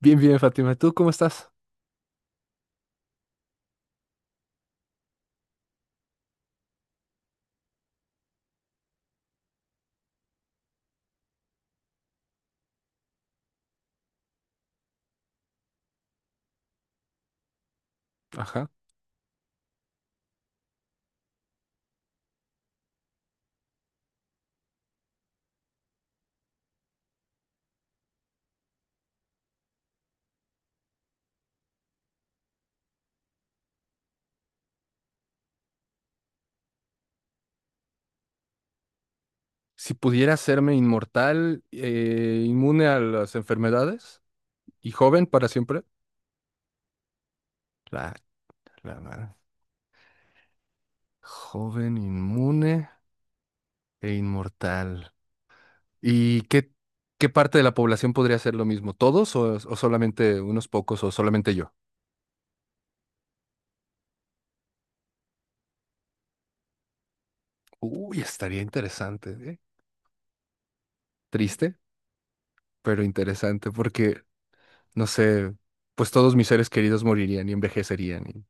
Bien, bien, Fátima. ¿Tú cómo estás? Ajá. Si pudiera hacerme inmortal, inmune a las enfermedades y joven para siempre. La, la madre. Joven, inmune e inmortal. ¿Y qué, qué parte de la población podría hacer lo mismo? ¿Todos o solamente unos pocos o solamente yo? Uy, estaría interesante, ¿eh? Triste, pero interesante porque no sé, pues todos mis seres queridos morirían y envejecerían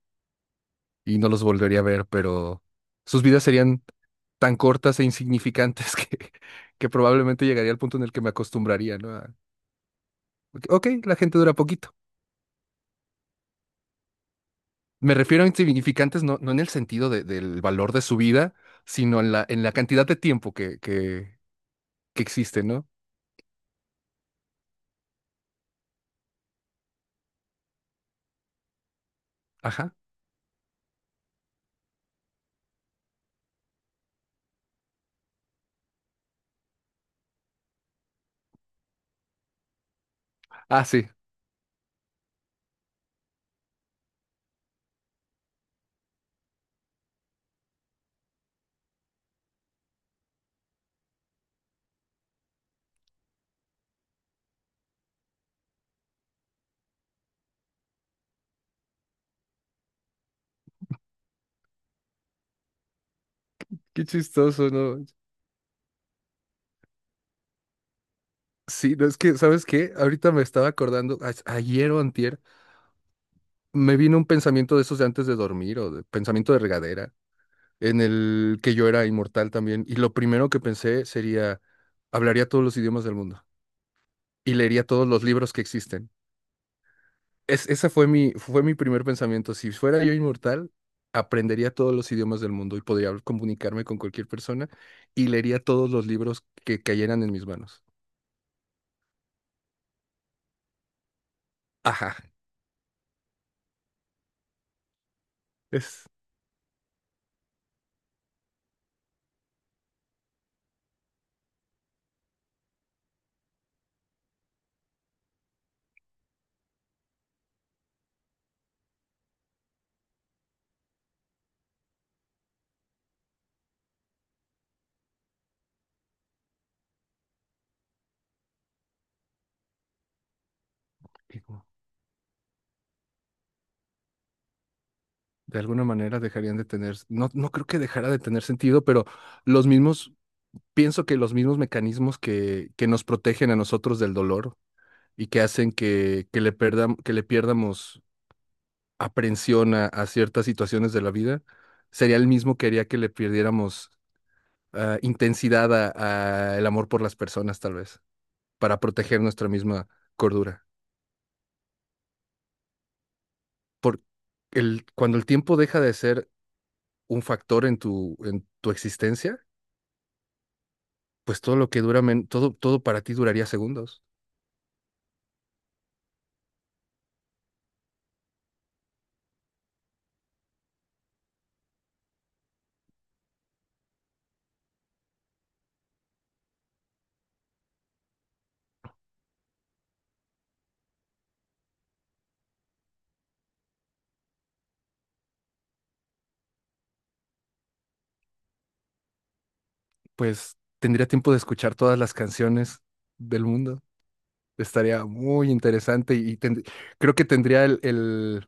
y no los volvería a ver, pero sus vidas serían tan cortas e insignificantes que probablemente llegaría al punto en el que me acostumbraría, ¿no? Ok, ok, la gente dura poquito. Me refiero a insignificantes no en el sentido del valor de su vida, sino en en la cantidad de tiempo que existe, ¿no? Ajá. Ah, sí. Qué chistoso, ¿no? Sí, no, es que, ¿sabes qué? Ahorita me estaba acordando, ayer o antier, me vino un pensamiento de esos de antes de dormir o de pensamiento de regadera en el que yo era inmortal también. Y lo primero que pensé sería, hablaría todos los idiomas del mundo y leería todos los libros que existen. Ese fue fue mi primer pensamiento. Si fuera yo inmortal, aprendería todos los idiomas del mundo y podría comunicarme con cualquier persona y leería todos los libros que cayeran en mis manos. Ajá. Es, digo, de alguna manera dejarían de tener, no, no creo que dejara de tener sentido, pero los mismos... Pienso que los mismos mecanismos que nos protegen a nosotros del dolor y que hacen que le que le pierdamos aprensión a ciertas situaciones de la vida, sería el mismo que haría que le perdiéramos intensidad a el amor por las personas, tal vez, para proteger nuestra misma cordura. Por cuando el tiempo deja de ser un factor en en tu existencia, pues todo lo que dura, todo, todo para ti duraría segundos. Pues tendría tiempo de escuchar todas las canciones del mundo. Estaría muy interesante y creo que tendría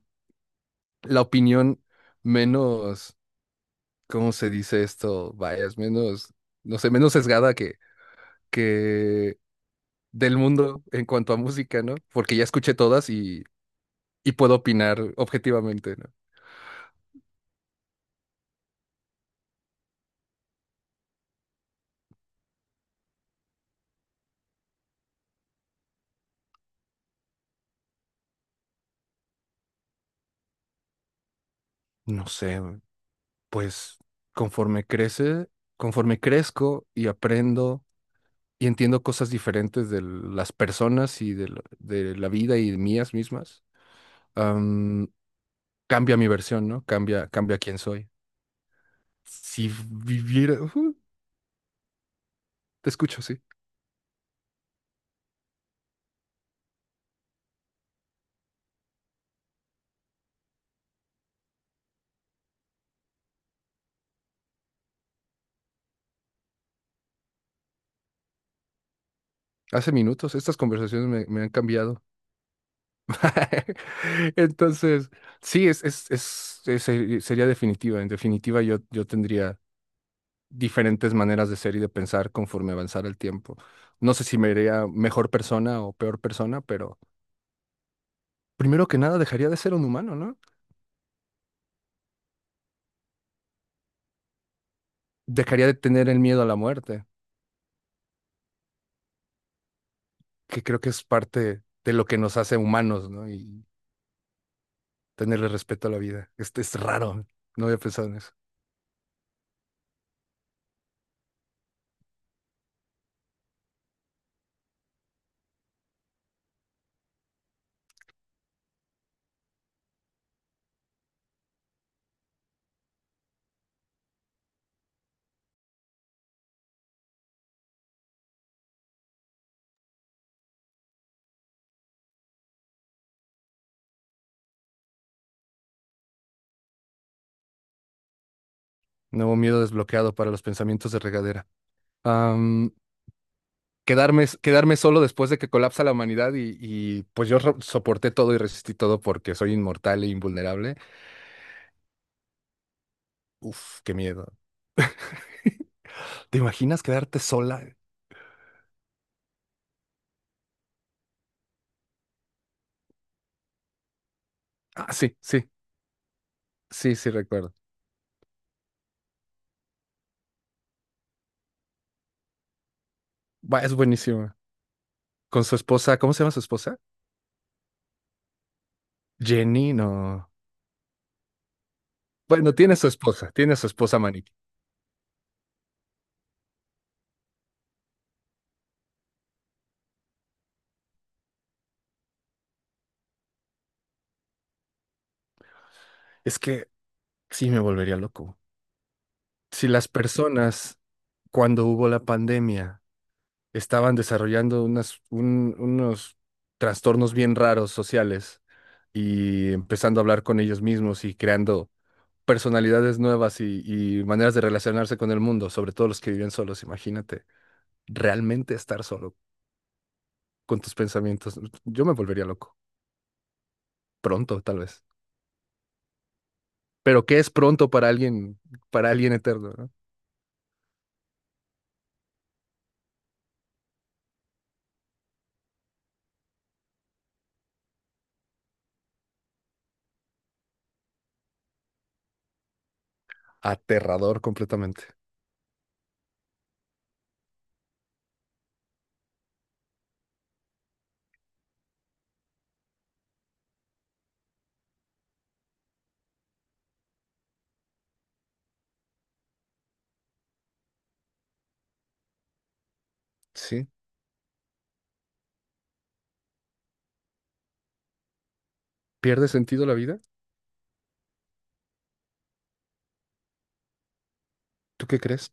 la opinión menos, ¿cómo se dice esto? Vayas, menos, no sé, menos sesgada que del mundo en cuanto a música, ¿no? Porque ya escuché todas y puedo opinar objetivamente, ¿no? No sé, pues conforme crece, conforme crezco y aprendo y entiendo cosas diferentes de las personas y de la vida y de mías mismas. Cambia mi versión, ¿no? Cambia, cambia quién soy. Si viviera, ujú, te escucho, sí. Hace minutos, estas conversaciones me han cambiado. Entonces, sí, sería definitiva. En definitiva, yo tendría diferentes maneras de ser y de pensar conforme avanzara el tiempo. No sé si me haría mejor persona o peor persona, pero primero que nada dejaría de ser un humano, ¿no? Dejaría de tener el miedo a la muerte, que creo que es parte de lo que nos hace humanos, ¿no? Y tenerle respeto a la vida. Este es raro. No había pensado en eso. Nuevo miedo desbloqueado para los pensamientos de regadera. Am, quedarme solo después de que colapsa la humanidad y, pues yo soporté todo y resistí todo porque soy inmortal e invulnerable. Uf, qué miedo. ¿Te imaginas quedarte sola? Ah, sí, sí, sí, sí, recuerdo. Buah, es buenísima. Con su esposa, ¿cómo se llama su esposa? Jenny, no. Bueno, tiene su esposa Manique. Es que sí me volvería loco. Si las personas, cuando hubo la pandemia, estaban desarrollando unos trastornos bien raros sociales y empezando a hablar con ellos mismos y creando personalidades nuevas y maneras de relacionarse con el mundo, sobre todo los que viven solos, imagínate, realmente estar solo con tus pensamientos. Yo me volvería loco, pronto tal vez. Pero ¿qué es pronto para alguien eterno, ¿no? Aterrador completamente. ¿Sí? ¿Pierde sentido la vida? ¿Tú qué crees?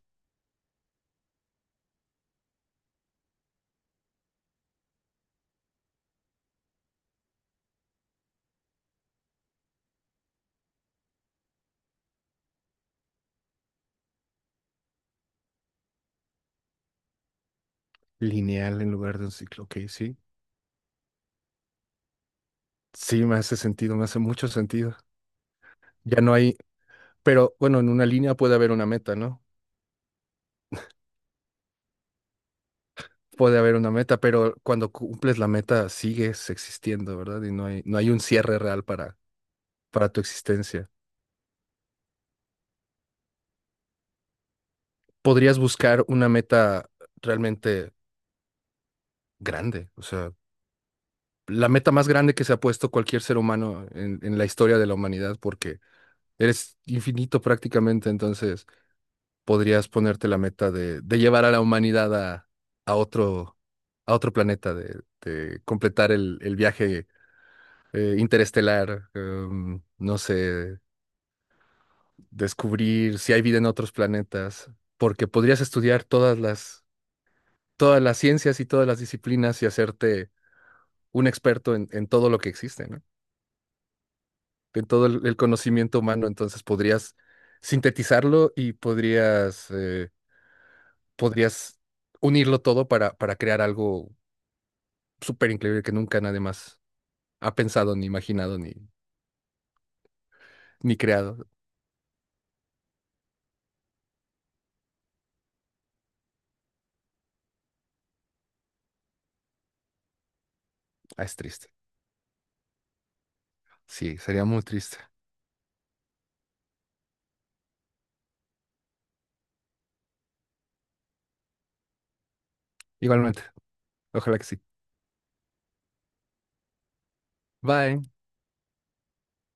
Lineal en lugar de un ciclo. Ok, sí. Sí, me hace sentido, me hace mucho sentido. Ya no hay, pero bueno, en una línea puede haber una meta, ¿no? Puede haber una meta, pero cuando cumples la meta sigues existiendo, ¿verdad? Y no hay, no hay un cierre real para para tu existencia. Podrías buscar una meta realmente grande, o sea, la meta más grande que se ha puesto cualquier ser humano en la historia de la humanidad, porque eres infinito prácticamente, entonces podrías ponerte la meta de llevar a la humanidad a otro, a otro planeta, de completar el viaje interestelar, em, no sé, descubrir si hay vida en otros planetas, porque podrías estudiar todas las ciencias y todas las disciplinas y hacerte un experto en todo lo que existe, ¿no? En todo el conocimiento humano, entonces podrías sintetizarlo y podrías, podrías unirlo todo para crear algo súper increíble que nunca nadie más ha pensado, ni imaginado, ni creado. Ah, es triste. Sí, sería muy triste. Igualmente, ojalá que sí. Bye.